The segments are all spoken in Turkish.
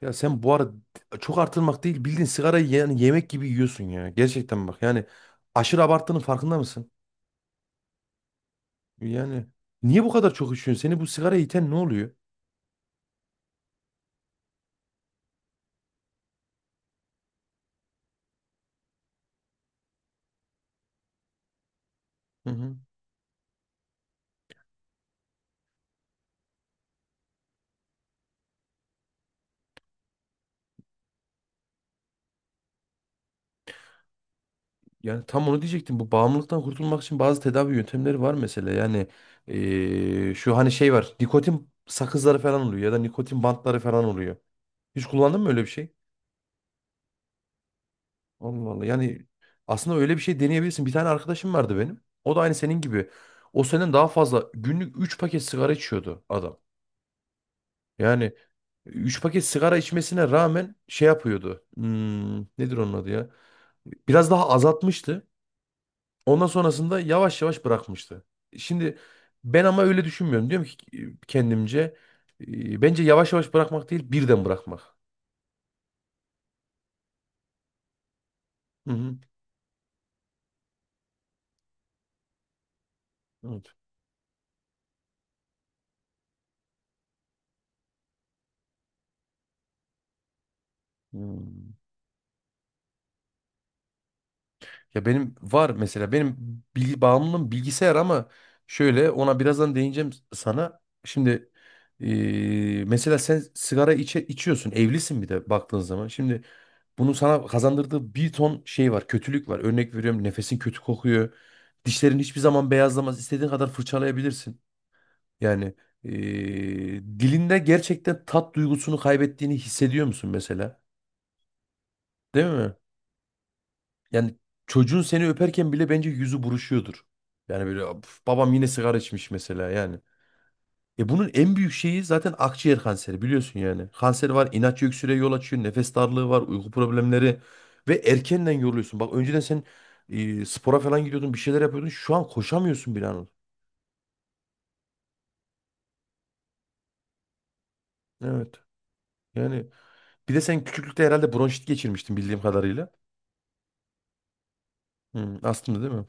Ya sen bu arada çok artırmak değil bildiğin sigarayı yani yemek gibi yiyorsun ya. Gerçekten bak yani aşırı abarttığının farkında mısın? Yani niye bu kadar çok içiyorsun? Seni bu sigara iten ne oluyor? Hı hı. Yani tam onu diyecektim. Bu bağımlılıktan kurtulmak için bazı tedavi yöntemleri var mesela. Yani şu hani şey var. Nikotin sakızları falan oluyor ya da nikotin bantları falan oluyor. Hiç kullandın mı öyle bir şey? Allah Allah. Yani aslında öyle bir şey deneyebilirsin. Bir tane arkadaşım vardı benim. O da aynı senin gibi. O senden daha fazla günlük 3 paket sigara içiyordu adam. Yani 3 paket sigara içmesine rağmen şey yapıyordu. Nedir onun adı ya? Biraz daha azaltmıştı. Ondan sonrasında yavaş yavaş bırakmıştı. Şimdi ben ama öyle düşünmüyorum. Diyorum ki kendimce bence yavaş yavaş bırakmak değil birden bırakmak. Hı hı. Evet. Hmm. Ya benim var mesela benim bilgi bağımlılığım bilgisayar ama şöyle ona birazdan değineceğim sana. Şimdi mesela sen sigara içiyorsun evlisin bir de baktığın zaman. Şimdi bunun sana kazandırdığı bir ton şey var kötülük var. Örnek veriyorum nefesin kötü kokuyor. Dişlerin hiçbir zaman beyazlamaz. İstediğin kadar fırçalayabilirsin. Yani dilinde gerçekten tat duygusunu kaybettiğini hissediyor musun mesela? Değil mi? Yani çocuğun seni öperken bile bence yüzü buruşuyordur. Yani böyle "Of, babam yine sigara içmiş mesela yani. Bunun en büyük şeyi zaten akciğer kanseri biliyorsun yani. Kanser var, inatçı öksürüğe yol açıyor, nefes darlığı var, uyku problemleri ve erkenden yoruluyorsun. Bak önceden sen spora falan gidiyordun, bir şeyler yapıyordun. Şu an koşamıyorsun bile Anıl. Evet. Yani bir de sen küçüklükte herhalde bronşit geçirmiştin bildiğim kadarıyla. Astımdı değil mi?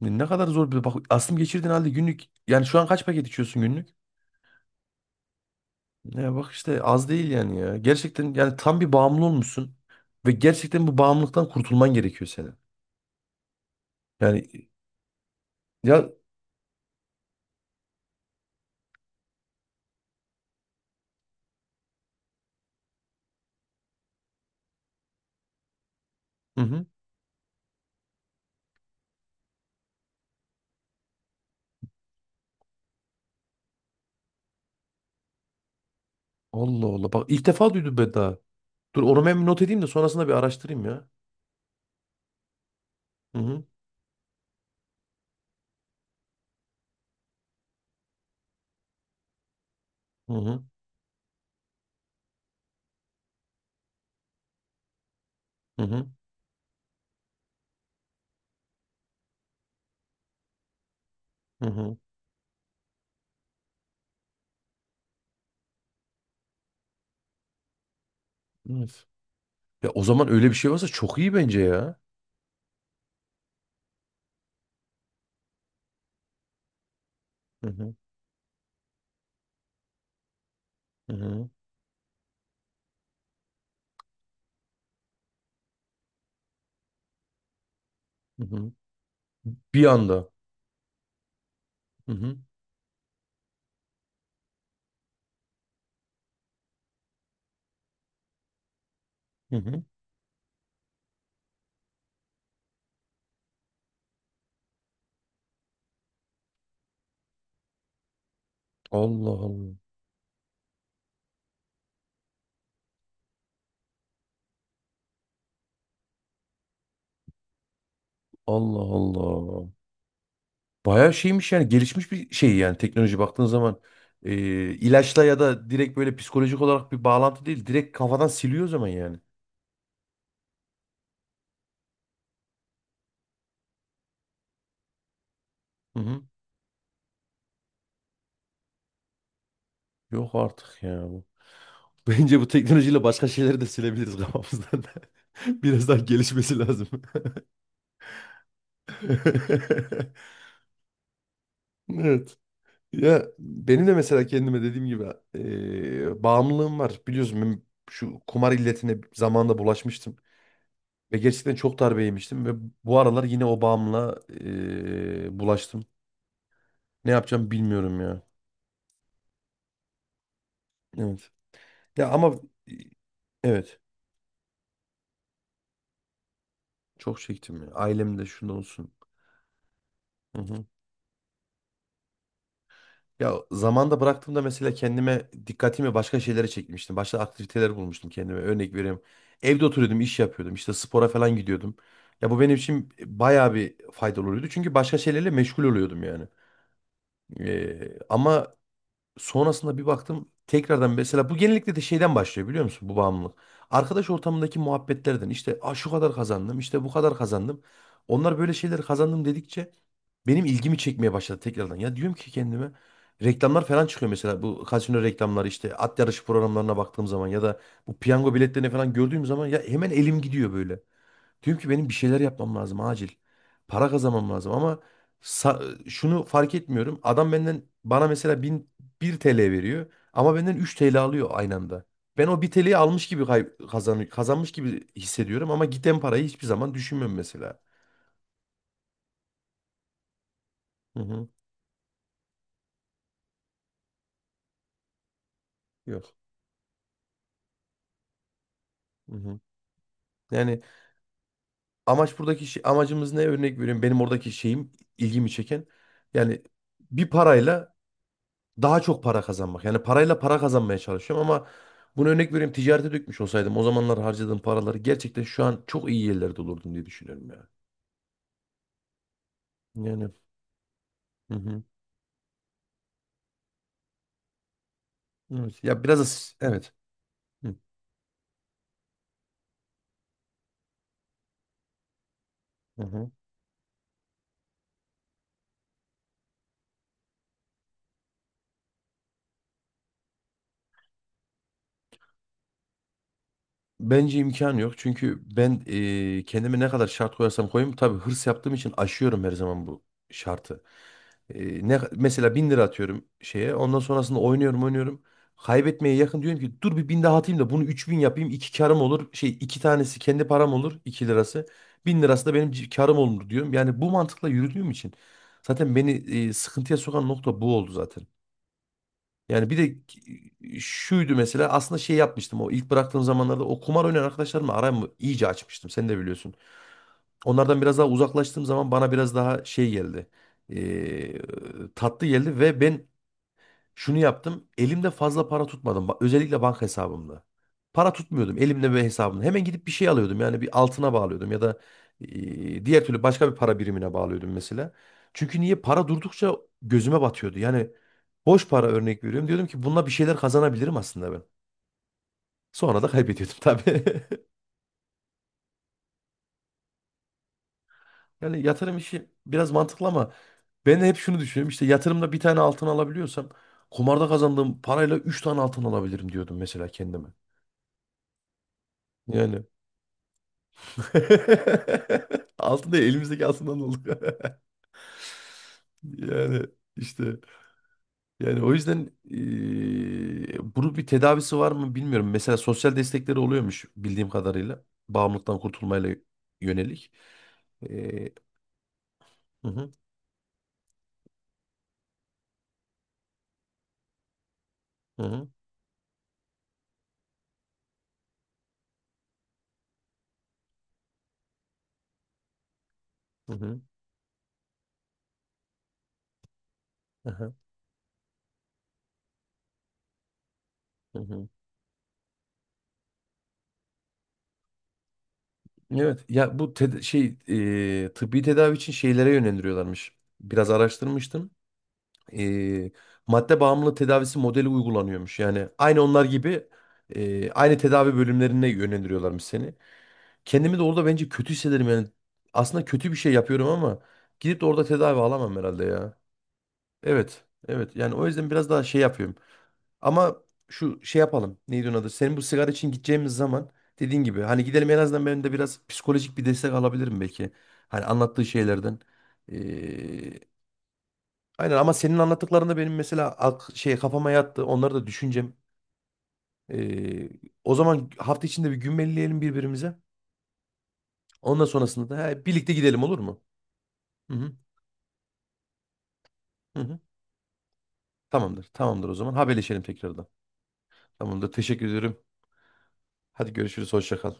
Ne kadar zor bir bak astım geçirdiğin halde günlük yani şu an kaç paket içiyorsun günlük? Ya bak işte az değil yani ya. Gerçekten yani tam bir bağımlı olmuşsun. Ve gerçekten bu bağımlılıktan kurtulman gerekiyor senin. Yani ya hı hı. Allah Allah. Bak ilk defa duydum ben daha. Dur onu ben bir not edeyim de sonrasında bir araştırayım ya. Hı hı. Hı hı. Hı hı. Hı hı. Evet. Ya o zaman öyle bir şey varsa çok iyi bence ya. Hı hı. Hı hı. Hı hı. Bir anda. Hı hı. Hı hı. Allah Allah. Allah Allah. Bayağı şeymiş yani gelişmiş bir şey yani teknoloji baktığın zaman e, ilaçla ya da direkt böyle psikolojik olarak bir bağlantı değil direkt kafadan siliyor o zaman yani. Hı hı. Yok artık ya bu. Bence bu teknolojiyle başka şeyleri de silebiliriz kafamızdan da. Biraz daha gelişmesi lazım. Evet. Ya benim de mesela kendime dediğim gibi bağımlılığım var. Biliyorsun ben şu kumar illetine zamanında bulaşmıştım. Ve gerçekten çok darbe yemiştim. Ve bu aralar yine o bağımlılığa bulaştım. Ne yapacağım bilmiyorum ya. Evet. Ya ama evet. Çok çektim ya. Ailem de şunda olsun. Hı hı. Ya zamanda bıraktığımda mesela kendime dikkatimi başka şeylere çekmiştim. Başka aktiviteler bulmuştum kendime. Örnek vereyim. Evde oturuyordum, iş yapıyordum. İşte spora falan gidiyordum. Ya bu benim için bayağı bir faydalı oluyordu. Çünkü başka şeylerle meşgul oluyordum yani. Ama sonrasında bir baktım tekrardan mesela bu genellikle de şeyden başlıyor biliyor musun bu bağımlılık. Arkadaş ortamındaki muhabbetlerden işte "Aa, şu kadar kazandım işte bu kadar kazandım. Onlar böyle şeyleri kazandım dedikçe benim ilgimi çekmeye başladı tekrardan. Ya diyorum ki kendime reklamlar falan çıkıyor mesela bu kasino reklamları işte at yarışı programlarına baktığım zaman ya da bu piyango biletlerini falan gördüğüm zaman ya hemen elim gidiyor böyle. Diyorum ki benim bir şeyler yapmam lazım acil. Para kazanmam lazım ama şunu fark etmiyorum. Adam benden bana mesela 1 TL veriyor ama benden 3 TL alıyor aynı anda. Ben o 1 TL'yi almış gibi kazanmış gibi hissediyorum ama giden parayı hiçbir zaman düşünmüyorum mesela. Hı hı. Yok. Hı hı. Yani amaç buradaki şey, amacımız ne örnek veriyorum. Benim oradaki şeyim ilgimi çeken yani bir parayla daha çok para kazanmak. Yani parayla para kazanmaya çalışıyorum ama bunu örnek veriyorum ticarete dökmüş olsaydım o zamanlar harcadığım paraları gerçekten şu an çok iyi yerlerde olurdum diye düşünüyorum ya. Yani. Hı hı. Evet. Ya biraz da evet. Hı hı. Bence imkan yok. Çünkü ben kendime ne kadar şart koyarsam koyayım tabii hırs yaptığım için aşıyorum her zaman bu şartı. Ne mesela 1.000 lira atıyorum şeye. Ondan sonrasında oynuyorum oynuyorum. Kaybetmeye yakın diyorum ki dur bir 1.000 daha atayım da bunu 3.000 yapayım. İki karım olur. Şey iki tanesi kendi param olur. 2 lirası. 1.000 lirası da benim karım olur diyorum. Yani bu mantıkla yürüdüğüm için zaten beni sıkıntıya sokan nokta bu oldu zaten. Yani bir de şuydu mesela aslında şey yapmıştım o ilk bıraktığım zamanlarda o kumar oynayan arkadaşlarımla aramı iyice açmıştım sen de biliyorsun. Onlardan biraz daha uzaklaştığım zaman bana biraz daha şey geldi. eee, tatlı geldi ve ben şunu yaptım. Elimde fazla para tutmadım. Özellikle banka hesabımda. Para tutmuyordum elimde ve hesabımda. Hemen gidip bir şey alıyordum. Yani bir altına bağlıyordum ya da diğer türlü başka bir para birimine bağlıyordum mesela. Çünkü niye? Para durdukça gözüme batıyordu. Yani boş para örnek veriyorum. Diyordum ki bununla bir şeyler kazanabilirim aslında ben. Sonra da kaybediyordum tabii. Yani yatırım işi biraz mantıklı ama ben de hep şunu düşünüyorum. İşte yatırımda bir tane altın alabiliyorsam kumarda kazandığım parayla üç tane altın alabilirim diyordum mesela kendime. Yani Altın değil, elimizdeki altından oldu. Yani işte yani o yüzden bunun bir tedavisi var mı bilmiyorum. Mesela sosyal destekleri oluyormuş bildiğim kadarıyla. Bağımlılıktan kurtulmayla yönelik. Eee, hı hı, hı hı, hı hı, hı hı hı. Evet ya bu şey tıbbi tedavi için şeylere yönlendiriyorlarmış. Biraz araştırmıştım. e, madde bağımlılığı tedavisi modeli uygulanıyormuş. Yani aynı onlar gibi aynı tedavi bölümlerine yönlendiriyorlarmış seni. Kendimi de orada bence kötü hissederim yani. Aslında kötü bir şey yapıyorum ama gidip de orada tedavi alamam herhalde ya. Evet, evet. Yani o yüzden biraz daha şey yapıyorum. Ama şu şey yapalım. Neydi onun adı? Senin bu sigara için gideceğimiz zaman dediğin gibi hani gidelim en azından ben de biraz psikolojik bir destek alabilirim belki. Hani anlattığı şeylerden. Aynen ama senin anlattıklarında benim mesela şey kafama yattı. Onları da düşüneceğim. Ee, o zaman hafta içinde bir gün gümbelleyelim birbirimize. Ondan sonrasında da birlikte gidelim olur mu? Hı hı, hı hı. Tamamdır. Tamamdır o zaman. Haberleşelim tekrardan. Tamamdır. Teşekkür ederim. Hadi görüşürüz. Hoşça kal.